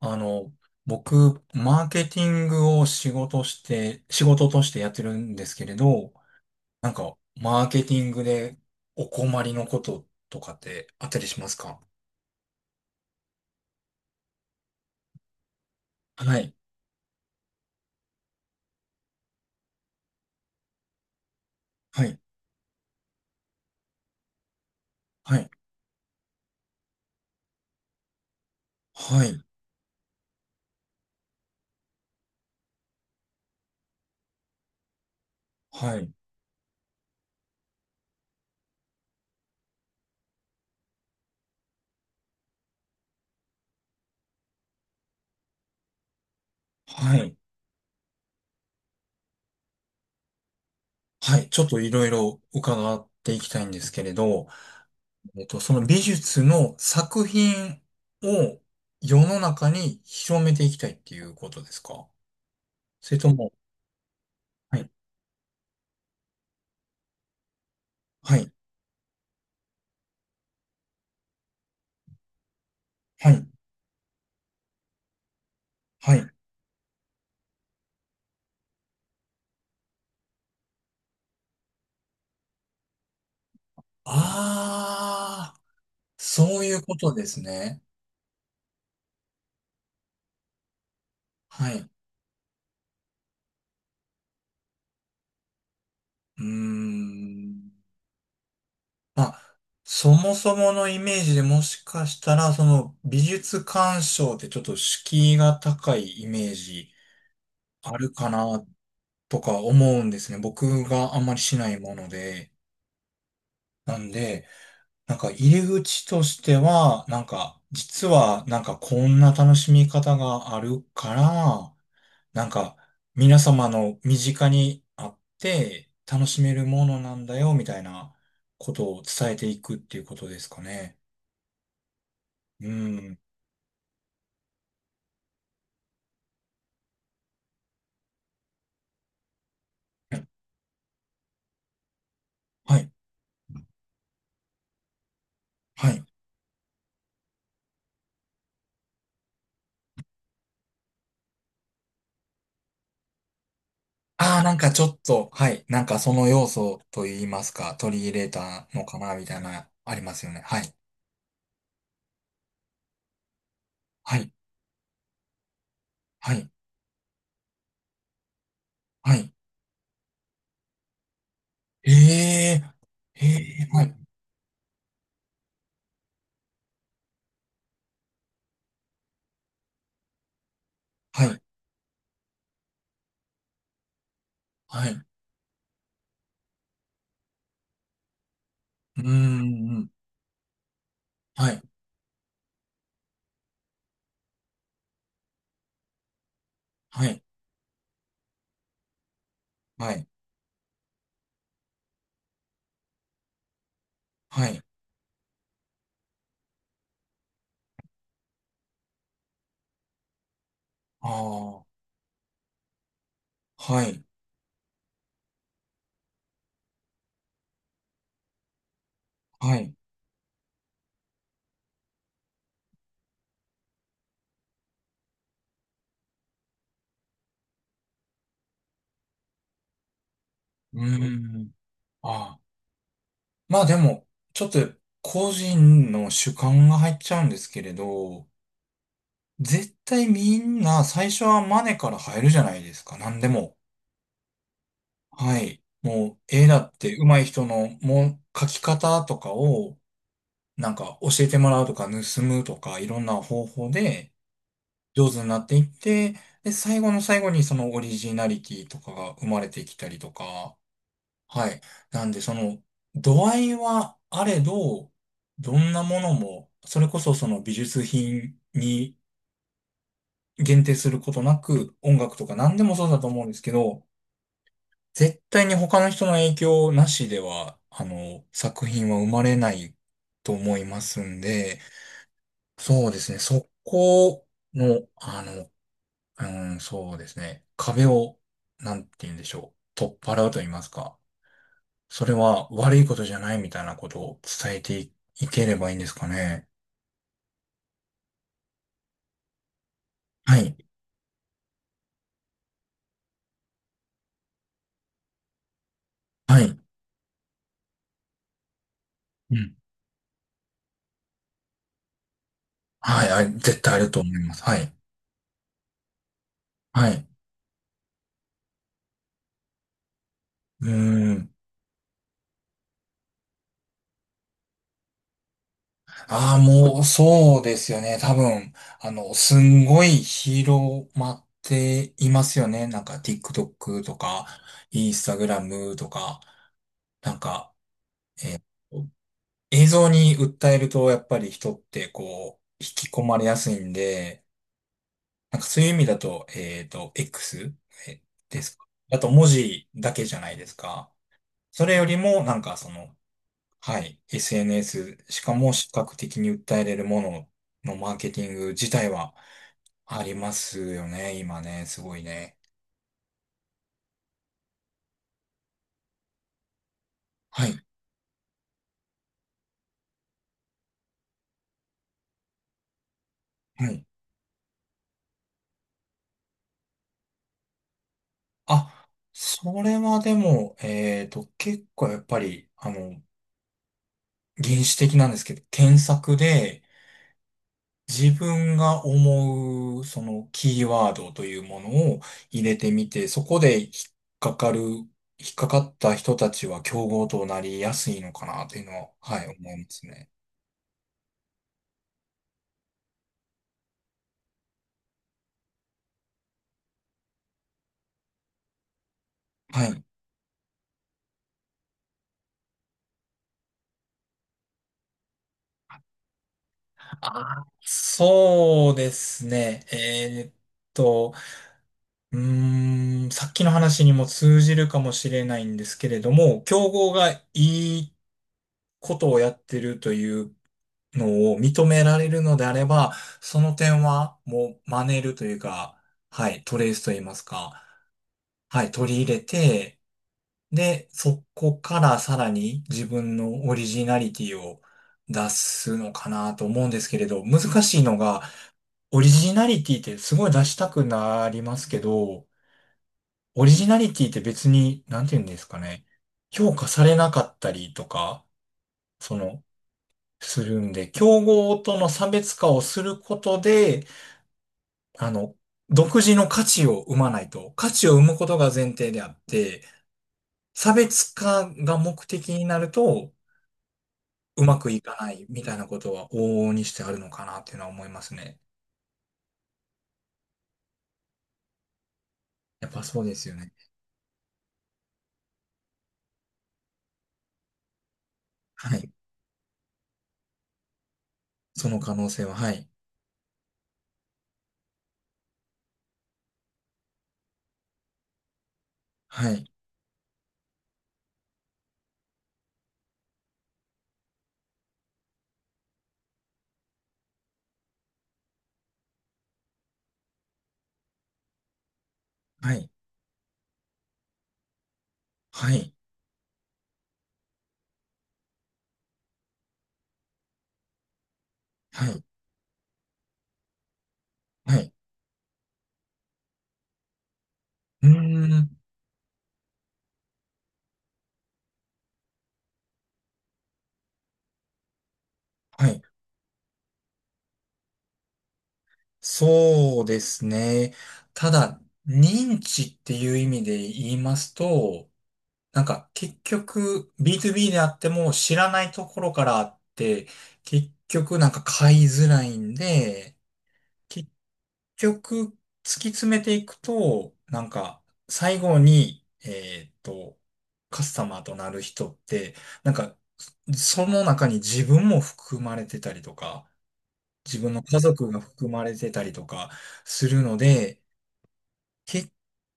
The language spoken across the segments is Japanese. あの、僕、マーケティングを仕事としてやってるんですけれど、なんか、マーケティングでお困りのこととかってあったりしますか？はい、はい、はい、はい、はい、はい、はい。ちょっといろいろ伺っていきたいんですけれど、その美術の作品を世の中に広めていきたいっていうことですか？それとも、はい、はい、はい、はい。ああ、そういうことですね。はい。うーん。まあ、そもそものイメージでもしかしたら、その美術鑑賞ってちょっと敷居が高いイメージあるかなとか思うんですね。僕があんまりしないもので。なんで、なんか入り口としては、なんか、実はなんかこんな楽しみ方があるから、なんか、皆様の身近にあって楽しめるものなんだよ、みたいなことを伝えていくっていうことですかね。うん。はい。はい。ああ、なんかちょっと、はい。なんかその要素と言いますか、取り入れたのかな、みたいな、ありますよね。はい。はい。はい。はい。ええ、ええ、はい。はい。はい。うーん。はい。はい。はい。はい。ああ、はい。はい。うーん。ああ。まあでも、ちょっと個人の主観が入っちゃうんですけれど、絶対みんな最初はマネから入るじゃないですか、何でも。はい。もう絵だって上手い人のもう描き方とかをなんか教えてもらうとか盗むとかいろんな方法で上手になっていって、で、最後の最後にそのオリジナリティとかが生まれてきたりとか、はい。なんで、その、度合いはあれど、どんなものも、それこそその美術品に限定することなく、音楽とか何でもそうだと思うんですけど、絶対に他の人の影響なしでは、作品は生まれないと思いますんで、そうですね、そこの、うん、そうですね、壁を、なんて言うんでしょう、取っ払うと言いますか。それは悪いことじゃないみたいなことを伝えてい、いければいいんですかね。はい。はい。うん。はい。あ、絶対あると思います。はい。はい。うーん。ああ、もう、そうですよね。多分、すんごい広まっていますよね。なんか、TikTok とか、Instagram とか、なんか、えー映像に訴えると、やっぱり人って、こう、引き込まれやすいんで、なんかそういう意味だと、X えですかだと文字だけじゃないですか。それよりも、なんかその、はい、SNS、しかも視覚的に訴えれるもののマーケティング自体はありますよね、今ね、すごいね。はい、はい。あ、それはでも、結構やっぱり、原始的なんですけど、検索で、自分が思う、そのキーワードというものを入れてみて、そこで引っかかった人たちは競合となりやすいのかなというのは、はい、思いますね。はい。あそうですね。と、さっきの話にも通じるかもしれないんですけれども、競合がいいことをやってるというのを認められるのであれば、その点はもう真似るというか、はい、トレースと言いますか、はい、取り入れて、で、そこからさらに自分のオリジナリティを出すのかなと思うんですけれど、難しいのが、オリジナリティってすごい出したくなりますけど、オリジナリティって別に、なんて言うんですかね、評価されなかったりとか、その、するんで、競合との差別化をすることで、あの、独自の価値を生まないと、価値を生むことが前提であって、差別化が目的になると、うまくいかないみたいなことは往々にしてあるのかなっていうのは思いますね。やっぱそうですよね。はい。その可能性は、はい。はい。はい。はい。はい。はい。うーん。はい。そうですね。ただ、認知っていう意味で言いますと、なんか結局 B2B であっても知らないところからあって、結局なんか買いづらいんで、結局突き詰めていくと、なんか最後に、カスタマーとなる人って、なんかその中に自分も含まれてたりとか、自分の家族が含まれてたりとかするので、結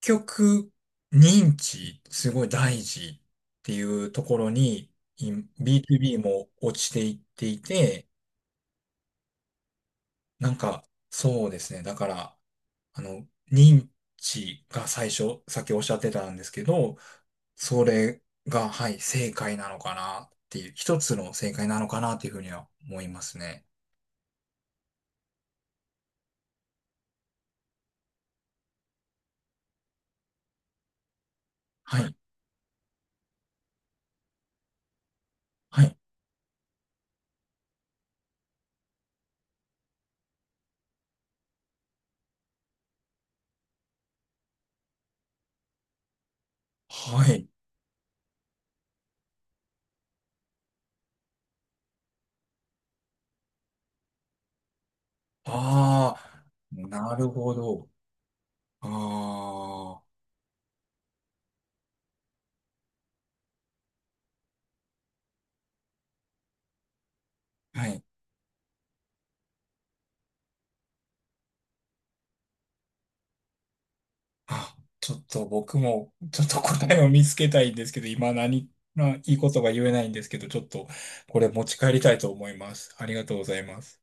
局、認知、すごい大事っていうところに、B2B も落ちていっていて、なんか、そうですね。だから、認知が最初、さっきおっしゃってたんですけど、それが、はい、正解なのかなっていう、一つの正解なのかなっていうふうには思いますね。はい、はい、はい。ああ、なるほど。ああ、はい。あちょっと僕も、ちょっと答えを見つけたいんですけど、今何、ないいことが言えないんですけど、ちょっとこれ持ち帰りたいと思います。ありがとうございます。